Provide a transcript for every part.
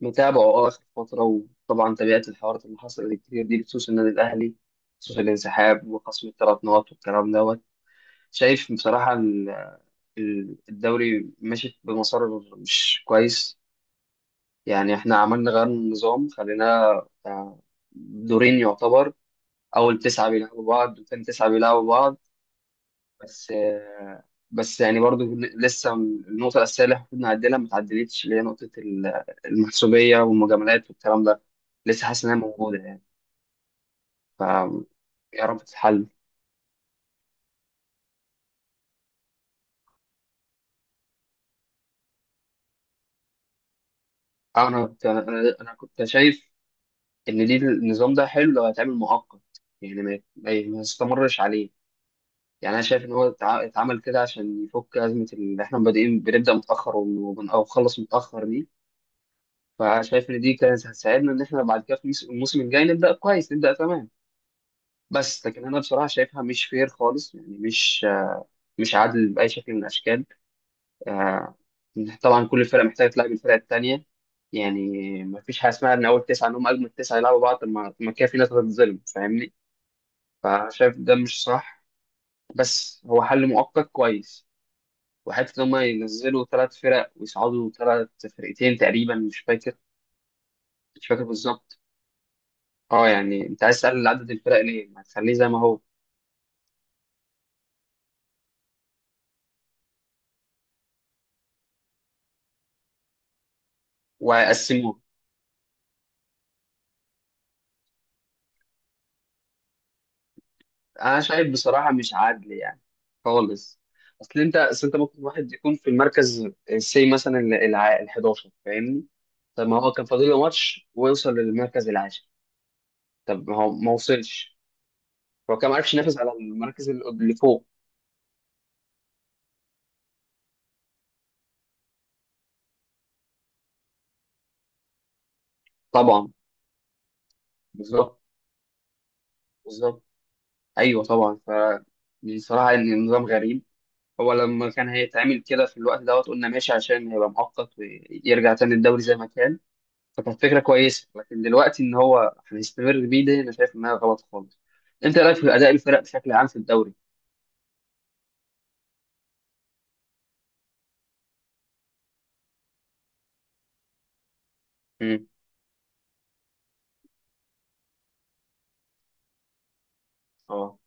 متابعه اخر فتره. وطبعا تابعت الحوارات اللي حصلت كتير دي بخصوص النادي الاهلي، بخصوص الانسحاب وخصم الثلاث نقط والكلام دوت. شايف بصراحه الدوري ماشي بمسار مش كويس. يعني احنا عملنا غير النظام، خلينا آه، دورين يعتبر، اول تسعه بيلعبوا بعض وثاني تسعه بيلعبوا بعض. بس بس يعني برضو لسه النقطة الأساسية اللي المفروض نعدلها ما اتعدلتش، اللي هي نقطة المحسوبية والمجاملات والكلام ده، لسه حاسس إنها موجودة يعني. ف يا رب تتحل. أنا كنت شايف إن دي النظام ده حلو لو هيتعمل مؤقت، يعني ما يستمرش عليه. يعني أنا شايف إن هو اتعمل كده عشان يفك أزمة اللي إحنا بادئين بنبدأ متأخر أو بنخلص متأخر دي. فشايف إن دي كانت هتساعدنا إن إحنا بعد كده في الموسم الجاي نبدأ كويس، نبدأ تمام. بس لكن انا بصراحه شايفها مش فير خالص، يعني مش مش عادل باي شكل من الاشكال. آه، طبعا كل فرقه محتاجه تلعب الفرقه الثانيه يعني. ما فيش حاجه اسمها ان اول تسعه ان هم اجمد تسعه يلعبوا بعض. طب ما كده في ناس هتتظلم، فاهمني؟ فشايف ده مش صح، بس هو حل مؤقت كويس. وحتى ان هم ينزلوا ثلاث فرق ويصعدوا ثلاث، فرقتين تقريبا، مش فاكر، مش فاكر بالظبط. اه يعني انت عايز تقلل عدد الفرق ليه؟ ما تخليه زي ما هو ويقسموه. انا شايف بصراحه مش عادل يعني، خالص. اصل انت ممكن واحد يكون في المركز سي مثلا، ال 11 فاهمني. طب ما هو كان فاضل له ماتش ويوصل للمركز العاشر، طب ما هو ما وصلش، هو كان ما عرفش ينافس على المراكز اللي فوق. طبعا. بالظبط، بالظبط. ايوه طبعا. بصراحه ان النظام غريب. هو لما كان هيتعمل كده في الوقت دوت قلنا ماشي عشان هيبقى مؤقت ويرجع تاني الدوري زي ما كان، فكانت فكره كويسه. لكن دلوقتي ان هو هنستمر بيه، ده انا شايف انها غلط خالص. انت رايك في اداء الفرق بشكل عام في الدوري؟ امم، اه،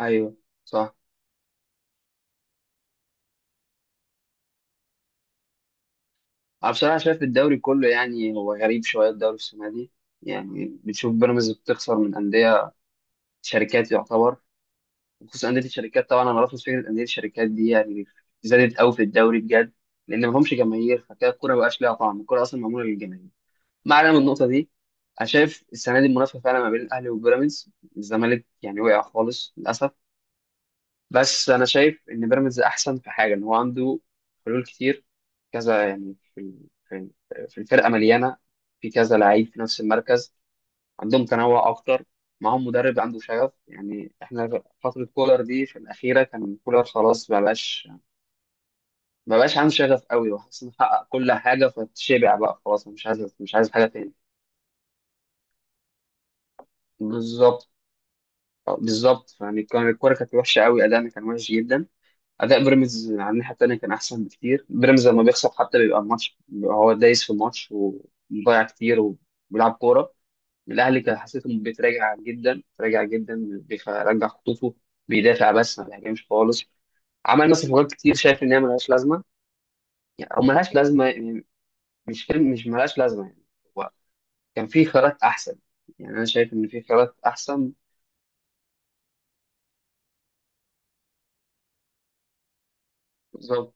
ايوه، صح. انا بصراحه شايف الدوري كله يعني هو غريب شويه الدوري السنه دي. يعني بتشوف بيراميدز بتخسر من انديه شركات يعتبر. بخصوص انديه الشركات، طبعا انا رافض فكره انديه الشركات دي يعني، زادت قوي في الدوري بجد، لان ما همش جماهير. فكده الكوره ما بقاش ليها طعم، الكوره اصلا معموله للجماهير. ما علينا من النقطه دي. انا شايف السنه دي المنافسه فعلا ما بين الاهلي وبيراميدز، الزمالك يعني وقع خالص للاسف. بس انا شايف ان بيراميدز احسن في حاجه، ان هو عنده حلول كتير، كذا يعني، في الفرقه مليانه، في كذا لعيب في نفس المركز، عندهم تنوع اكتر. معاهم مدرب عنده شغف. يعني احنا فتره كولر دي في الاخيره كان كولر خلاص، ما بقاش، ما بقاش عنده شغف قوي، وحاسس انه حقق كل حاجه فتشبع بقى خلاص، مش عايز، مش عايز حاجه تاني. بالظبط. بالظبط يعني، كان الكوره كانت وحشه قوي، ادائنا كان وحش جدا. اداء بيراميدز على الناحيه التانيه كان احسن بكتير. بيراميدز لما بيخسر حتى بيبقى الماتش، بيبقى هو دايس في الماتش ومضيع كتير وبيلعب كوره. الاهلي كان حسيته بيتراجع جدا، بيتراجع جدا، بيرجع خطوطه، بيدافع بس ما بيهاجمش خالص. عملنا صفقات كتير شايف ان هي ملهاش لازمه، يعني او ملهاش لازمه يعني، مش فيلم، مش ملهاش لازمه يعني. هو كان في خيارات احسن، يعني انا شايف ان في خيارات احسن. بالظبط.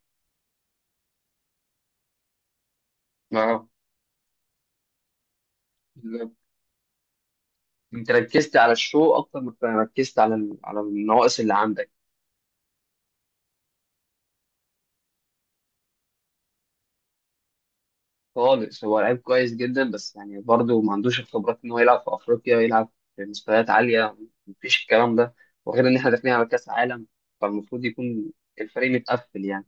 اه انت ركزت على الشو اكتر ما ركزت على على النواقص اللي عندك. خالص هو لعيب كويس جدا، بس يعني برضه ما عندوش الخبرات ان هو يلعب في افريقيا ويلعب في مستويات عاليه، مفيش الكلام ده. وغير ان احنا داخلين على كاس عالم، فالمفروض يكون الفريق متقفل يعني.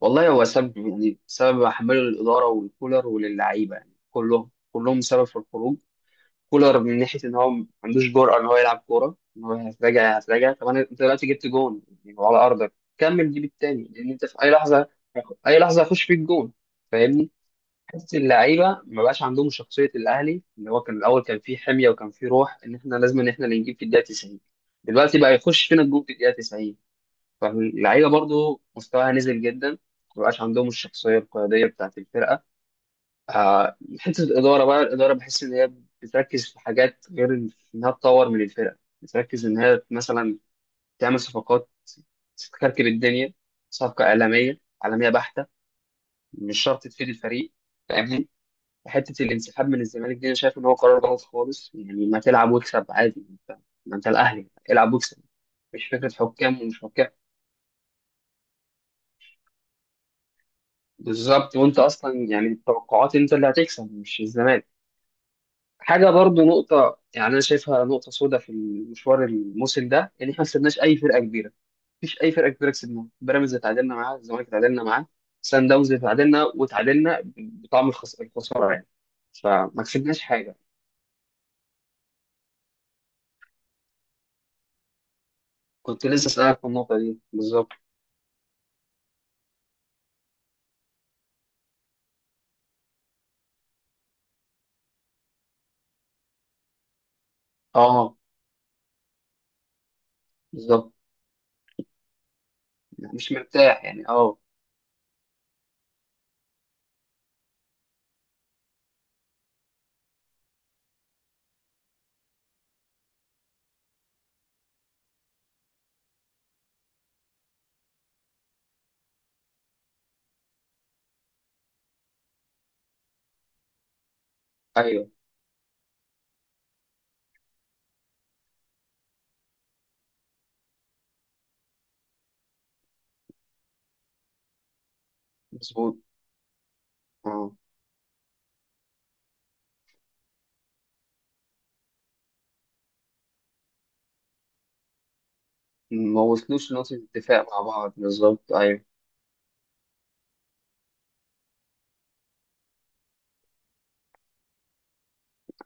والله هو سبب، يعني سبب احمله للاداره والكولر وللعيبه، يعني كلهم، كلهم سبب في الخروج. كولر من ناحيه ان هو ما عندوش جرأه ان هو يلعب كوره، ان هو هتراجع هتراجع. طب انا انت دلوقتي جبت جون يعني وعلى ارضك، كمل جيب التاني، لان انت في اي لحظه، اي لحظه هيخش فيك جون، فاهمني. حته اللعيبه ما بقاش عندهم شخصيه الاهلي، اللي هو كان الاول كان فيه حميه وكان فيه روح ان احنا لازم ان احنا اللي نجيب في الدقيقه 90، دلوقتي بقى يخش فينا الجون في الدقيقه 90. فاللعيبه برضو مستواها نزل جدا، ما بقاش عندهم الشخصيه القياديه بتاعت الفرقه. حته الاداره، بقى الاداره بحس ان هي بتركز في حاجات غير انها تطور من الفرق، بتركز ان هي مثلا تعمل صفقات، تكركب الدنيا، صفقه اعلاميه، اعلاميه بحته، مش شرط تفيد الفريق، فاهمني. حته الانسحاب من الزمالك دي انا شايف ان هو قرار غلط خالص، يعني ما تلعب واكسب عادي انت، ما انت الاهلي، العب واكسب، مش فكره حكام ومش حكام. بالظبط، وانت اصلا يعني التوقعات انت اللي هتكسب مش الزمالك. حاجه برضو نقطه، يعني انا شايفها نقطه سوداء في المشوار الموسم ده، ان احنا ما كسبناش اي فرقه كبيره، مفيش اي فرقه كبيره كسبناها. بيراميدز اتعادلنا معاه، الزمالك اتعادلنا معاه، سان داونز اتعادلنا، وتعادلنا بطعم الخساره يعني، فما كسبناش حاجه. كنت لسه اسالك في النقطه دي بالظبط. اه بالظبط، يعني مش مرتاح يعني، اه، ايوه مظبوط. اه، ما وصلوش لنقطه اتفاق مع بعض بالظبط، ايوه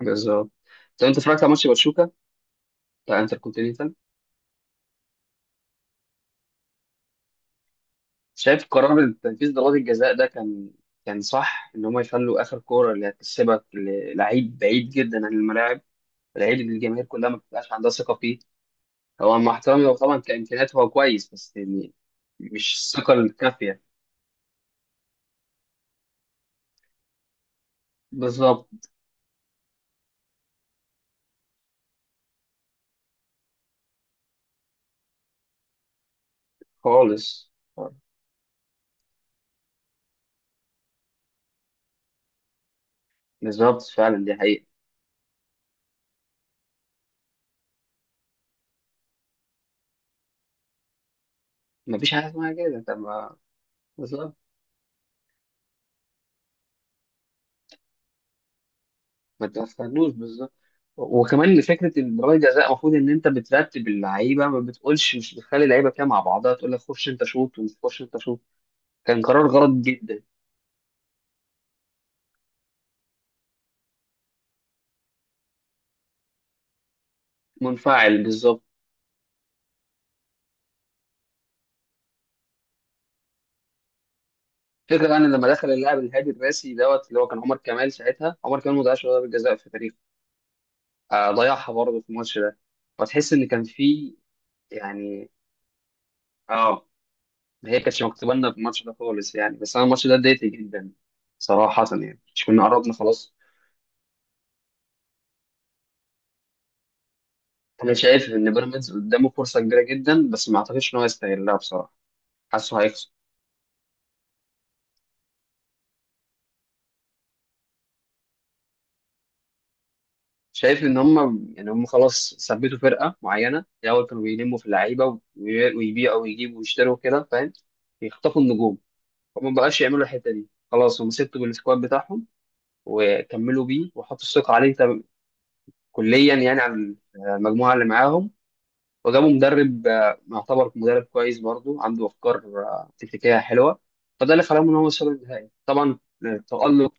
بالظبط. طب انت اتفرجت على ماتش باتشوكا بتاع انتر؟ شايف قرار تنفيذ ضربات الجزاء ده كان، كان صح ان هم يخلوا اخر كوره اللي هتسيبك للعيب بعيد جدا عن الملاعب، العيب اللي الجماهير كلها ما بتبقاش عندها ثقه فيه؟ هو مع احترامي هو طبعا كامكانيات هو كويس، بس يعني مش الثقه الكافيه. بالظبط، خالص. بالظبط فعلا دي حقيقه. ما فيش حاجه اسمها كده، طب ما بالظبط، ما تستنوش بالظبط. وكمان فكره ان ضربات الجزاء المفروض ان انت بترتب اللعيبه، ما بتقولش، مش بتخلي اللعيبه كده مع بعضها، تقول لك خش انت شوط ومش خش انت شوط. كان قرار غلط جدا. منفعل، بالظبط. فكرة يعني لما دخل اللاعب الهادي الراسي دوت اللي هو كان عمر كمال ساعتها، عمر كمال ما ضيعش ولا ضربة جزاء في تاريخه، آه ضيعها برضه في الماتش ده. فتحس ان كان في، يعني، اه. هي كانتش مكتوبة لنا في الماتش ده خالص يعني، بس انا الماتش ده اتضايقت جدا صراحة، يعني مش كنا قربنا خلاص. انا شايف ان بيراميدز قدامه فرصة كبيرة جدا، بس ما اعتقدش ان هو يستغلها بصراحة، حاسه هيخسر. شايف ان هم يعني هم خلاص ثبتوا فرقه معينه. الاول كانوا بيلموا في اللعيبه ويبيعوا ويجيبوا ويشتروا كده، فاهم، يخطفوا النجوم، فما بقاش يعملوا الحته دي خلاص. هم سبتوا بالسكواد بتاعهم وكملوا بيه، وحطوا الثقه عليه كليا، يعني على المجموعه اللي معاهم. وجابوا مدرب يعتبر مدرب كويس برضه، عنده افكار تكتيكيه حلوه، فده اللي خلاهم ان هم يوصلوا للنهائي طبعا. التألق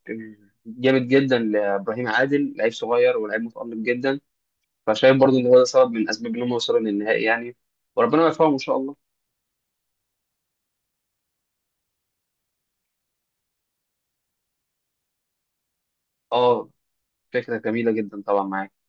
جامد جدا لابراهيم عادل، لعيب صغير ولاعيب متألق جدا، فشايف برضو ان هو ده سبب من اسباب ان هم وصلوا للنهائي يعني، وربنا يوفقهم ان شاء الله. اه، فكره جميله جدا طبعا، معاك.